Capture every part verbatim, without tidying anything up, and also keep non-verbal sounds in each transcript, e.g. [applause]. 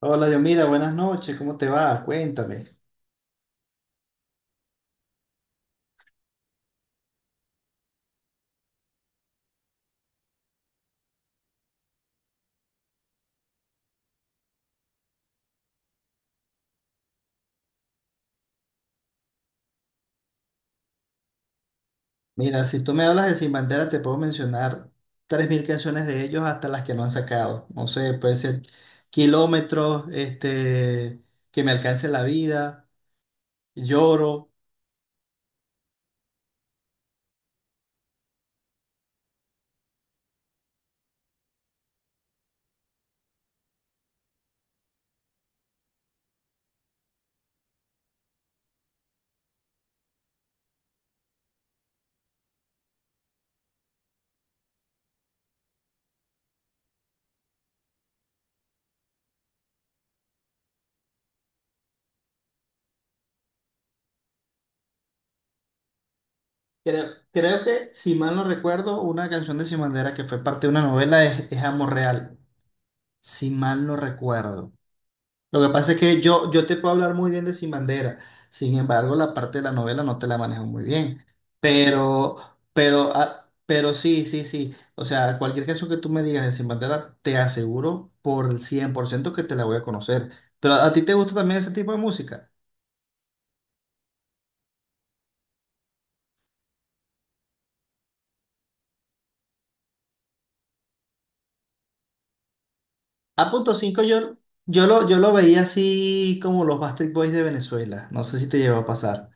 Hola, Dios, mira, buenas noches, ¿cómo te va? Cuéntame. Mira, si tú me hablas de Sin Bandera, te puedo mencionar tres mil canciones de ellos hasta las que no han sacado. No sé, puede ser Kilómetros, este, Que me alcance la vida, Lloro. Creo, creo que, si mal no recuerdo, una canción de Sin Bandera que fue parte de una novela es, es Amor Real, si mal no recuerdo. Lo que pasa es que yo, yo te puedo hablar muy bien de Sin Bandera, sin embargo, la parte de la novela no te la manejo muy bien. Pero, pero, ah, pero sí, sí, sí. O sea, cualquier canción que tú me digas de Sin Bandera, te aseguro por el cien por ciento que te la voy a conocer. Pero a, a ti te gusta también ese tipo de música. A punto cinco yo, yo lo, yo lo veía así como los Backstreet Boys de Venezuela. No sé si te llegó a pasar.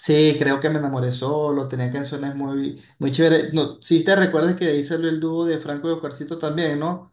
Sí, creo que me enamoré solo, tenía canciones muy, muy chéveres. No, sí te recuerdas que ahí el dúo de Franco y Oscarcito también, ¿no?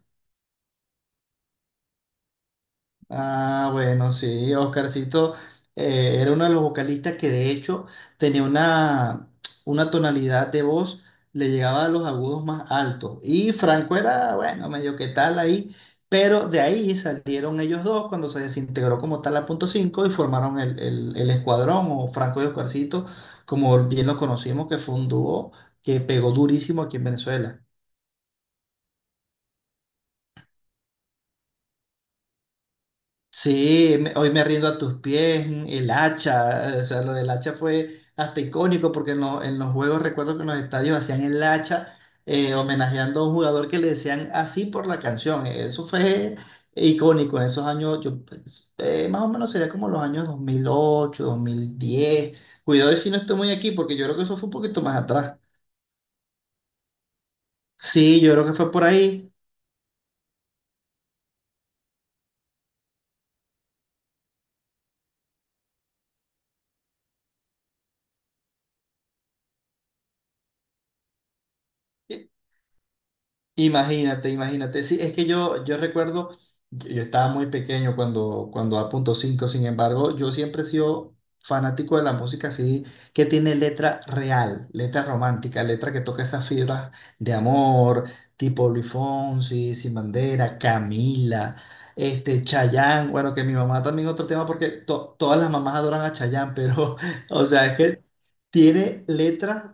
Ah, bueno, sí, Oscarcito eh, era uno de los vocalistas que de hecho tenía una, una tonalidad de voz, le llegaba a los agudos más altos. Y Franco era, bueno, medio que tal ahí, pero de ahí salieron ellos dos cuando se desintegró como tal la punto cinco y formaron el, el, el escuadrón o Franco y Oscarcito, como bien lo conocimos, que fue un dúo que pegó durísimo aquí en Venezuela. Sí, me- hoy me rindo a tus pies, el hacha, eh, o sea, lo del hacha fue hasta icónico porque en, lo- en los juegos recuerdo que en los estadios hacían el hacha eh, homenajeando a un jugador que le decían así por la canción, eso fue icónico en esos años, yo, pues, eh, más o menos sería como los años dos mil ocho, dos mil diez, cuidado si no estoy muy aquí porque yo creo que eso fue un poquito más atrás, sí, yo creo que fue por ahí. Imagínate, imagínate. Sí, es que yo, yo recuerdo, yo yo estaba muy pequeño cuando, cuando a punto cinco. Sin embargo, yo siempre he sido fanático de la música así, que tiene letra real, letra romántica, letra que toca esas fibras de amor, tipo Luis Fonsi, Sin Bandera, Camila, este, Chayanne, bueno, que mi mamá también otro tema, porque to- todas las mamás adoran a Chayanne, pero, [laughs] o sea, es que tiene letras.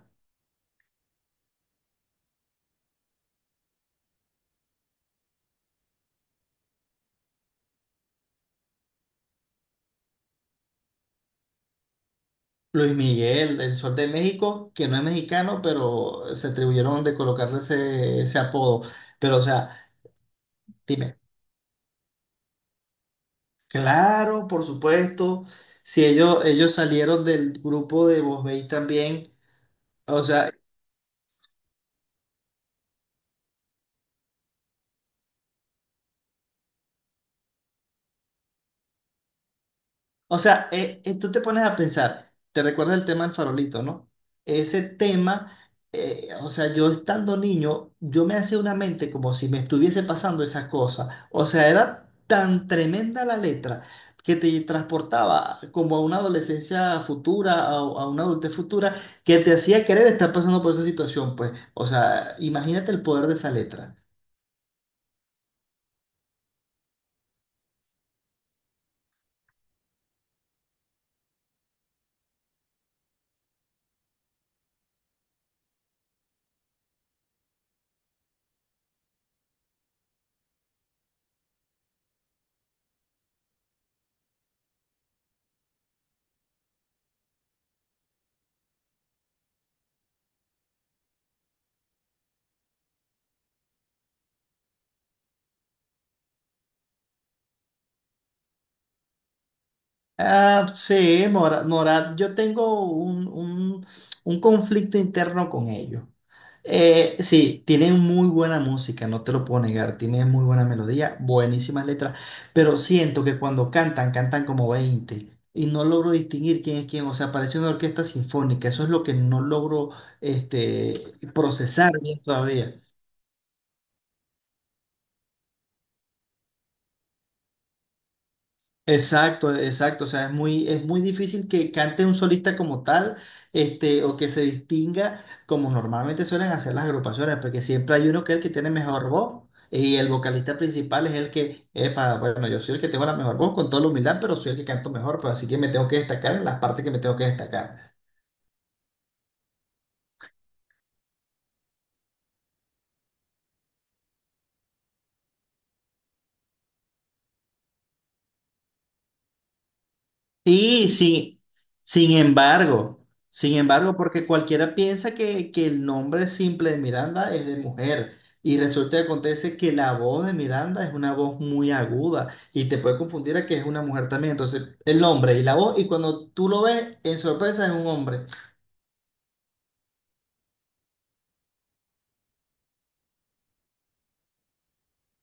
Luis Miguel, el Sol de México, que no es mexicano, pero se atribuyeron de colocarle ese, ese apodo. Pero, o sea, dime, claro, por supuesto, si ellos, ellos salieron del grupo de Voz Veis también, o sea. O sea, eh, eh, tú te pones a pensar, te recuerda el tema del farolito, ¿no? Ese tema, eh, o sea, yo estando niño, yo me hacía una mente como si me estuviese pasando esas cosas. O sea, era tan tremenda la letra que te transportaba como a una adolescencia futura, a, a una adultez futura, que te hacía querer estar pasando por esa situación, pues. O sea, imagínate el poder de esa letra. Ah, sí, Mora- Morat, yo tengo un, un- un conflicto interno con ellos. Eh, sí, tienen muy buena música, no te lo puedo negar, tienen muy buena melodía, buenísimas letras, pero siento que cuando cantan, cantan como veinte y no logro distinguir quién es quién, o sea, parece una orquesta sinfónica, eso es lo que no logro este, procesar bien todavía. Exacto, exacto. O sea, es muy, es muy difícil que cante un solista como tal, este, o que se distinga como normalmente suelen hacer las agrupaciones, porque siempre hay uno que es el que tiene mejor voz. Y el vocalista principal es el que, epa, bueno, yo soy el que tengo la mejor voz con toda la humildad, pero soy el que canto mejor, pues así que me tengo que destacar en las partes que me tengo que destacar. Sí, sí. Sin embargo, sin embargo, porque cualquiera piensa que, que el nombre simple de Miranda es de mujer y resulta que acontece que la voz de Miranda es una voz muy aguda y te puede confundir a que es una mujer también. Entonces, el nombre y la voz y cuando tú lo ves, en sorpresa es un hombre.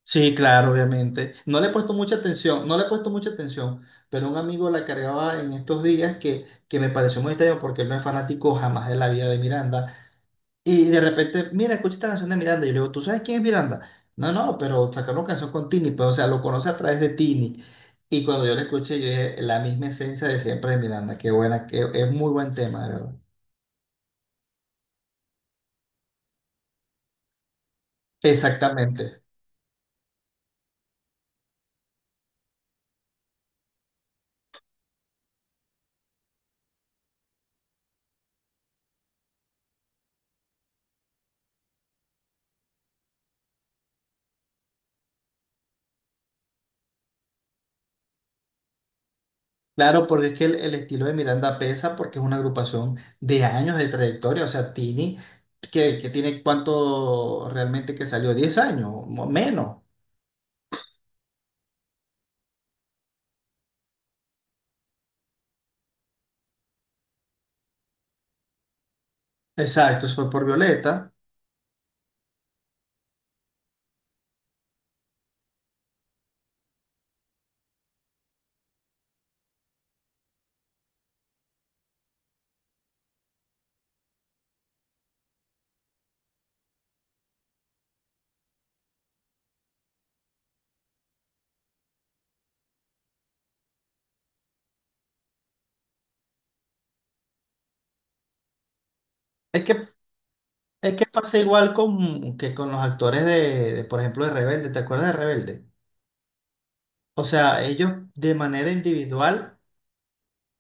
Sí, claro, obviamente. No le he puesto mucha atención, no le he puesto mucha atención, pero un amigo la cargaba en estos días que, que me pareció muy extraño porque él no es fanático jamás de la vida de Miranda. Y de repente, mira, escucha esta canción de Miranda. Y yo le digo, ¿tú sabes quién es Miranda? No, no, pero sacaron canción con Tini, pues, o sea, lo conoce a través de Tini. Y cuando yo la escuché, yo dije, la misma esencia de siempre de Miranda. Qué buena, que es muy buen tema, de verdad. Exactamente. Claro, porque es que el, el estilo de Miranda pesa porque es una agrupación de años de trayectoria. O sea, Tini, que, que tiene cuánto realmente que salió, diez años, mo- menos. Exacto, eso fue por Violeta. Es que Es que pasa igual con, que con los actores de, de, por ejemplo, de Rebelde. ¿Te acuerdas de Rebelde? O sea, ellos de manera individual.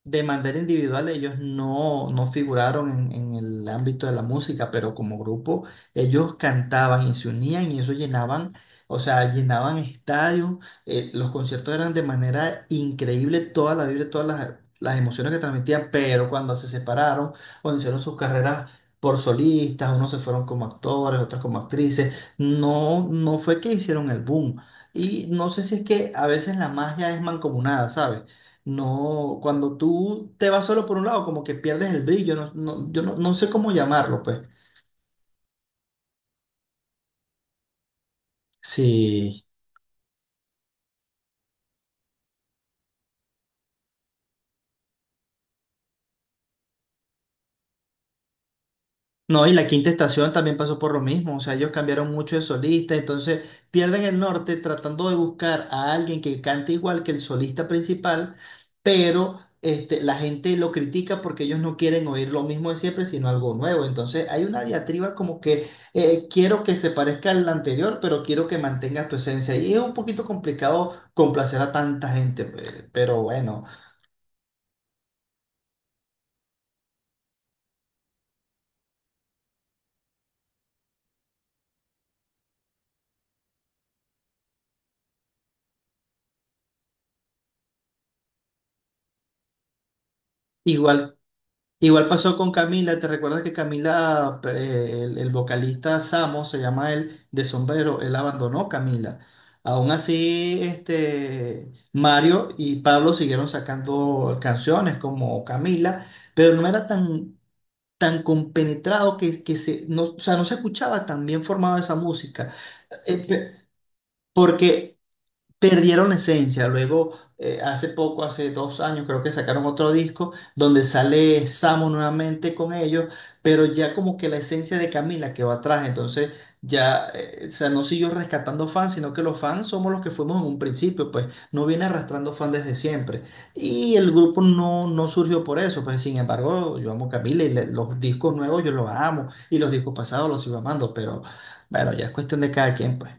De manera individual, ellos no, no figuraron en, en el ámbito de la música, pero como grupo, ellos cantaban y se unían y eso llenaban, o sea, llenaban estadios. Eh, los conciertos eran de manera increíble, toda la vibra, todas las, las emociones que transmitían, pero cuando se separaron o hicieron sus carreras por solistas, unos se fueron como actores, otros como actrices, no, no fue que hicieron el boom. Y no sé si es que a veces la magia es mancomunada, ¿sabes? No, cuando tú te vas solo por un lado, como que pierdes el brillo, no, no- yo no, no sé cómo llamarlo, pues. Sí. No, y la Quinta Estación también pasó por lo mismo, o sea, ellos cambiaron mucho de solista, entonces pierden el norte tratando de buscar a alguien que cante igual que el solista principal, pero este, la gente lo critica porque ellos no quieren oír lo mismo de siempre, sino algo nuevo. Entonces hay una diatriba como que eh, quiero que se parezca al anterior, pero quiero que mantengas tu esencia. Y es un poquito complicado complacer a tanta gente, pues, pero bueno. Igual Igual pasó con Camila, ¿te recuerdas que Camila, eh, el, el vocalista Samo, se llama él, de Sombrero, él abandonó Camila. Aún así, este, Mario y Pablo siguieron sacando canciones como Camila, pero no era tan, tan compenetrado que, que se, no, o sea, no se escuchaba tan bien formada esa música. Eh, pe- Porque perdieron la esencia. Luego, eh, hace poco, hace dos años, creo que sacaron otro disco donde sale Samo nuevamente con ellos, pero ya como que la esencia de Camila quedó atrás. Entonces, ya, eh, o sea, no siguió rescatando fans, sino que los fans somos los que fuimos en un principio, pues no viene arrastrando fans desde siempre. Y el grupo no, no surgió por eso, pues sin embargo, yo amo Camila y le- los discos nuevos yo los amo y los discos pasados los sigo amando, pero bueno, ya es cuestión de cada quien, pues.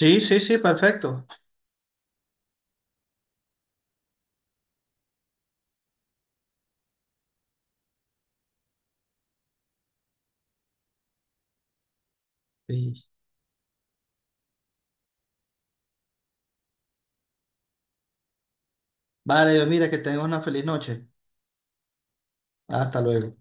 Sí, sí, sí, perfecto. Sí. Vale, Dios, mira, que tengas una feliz noche. Hasta luego.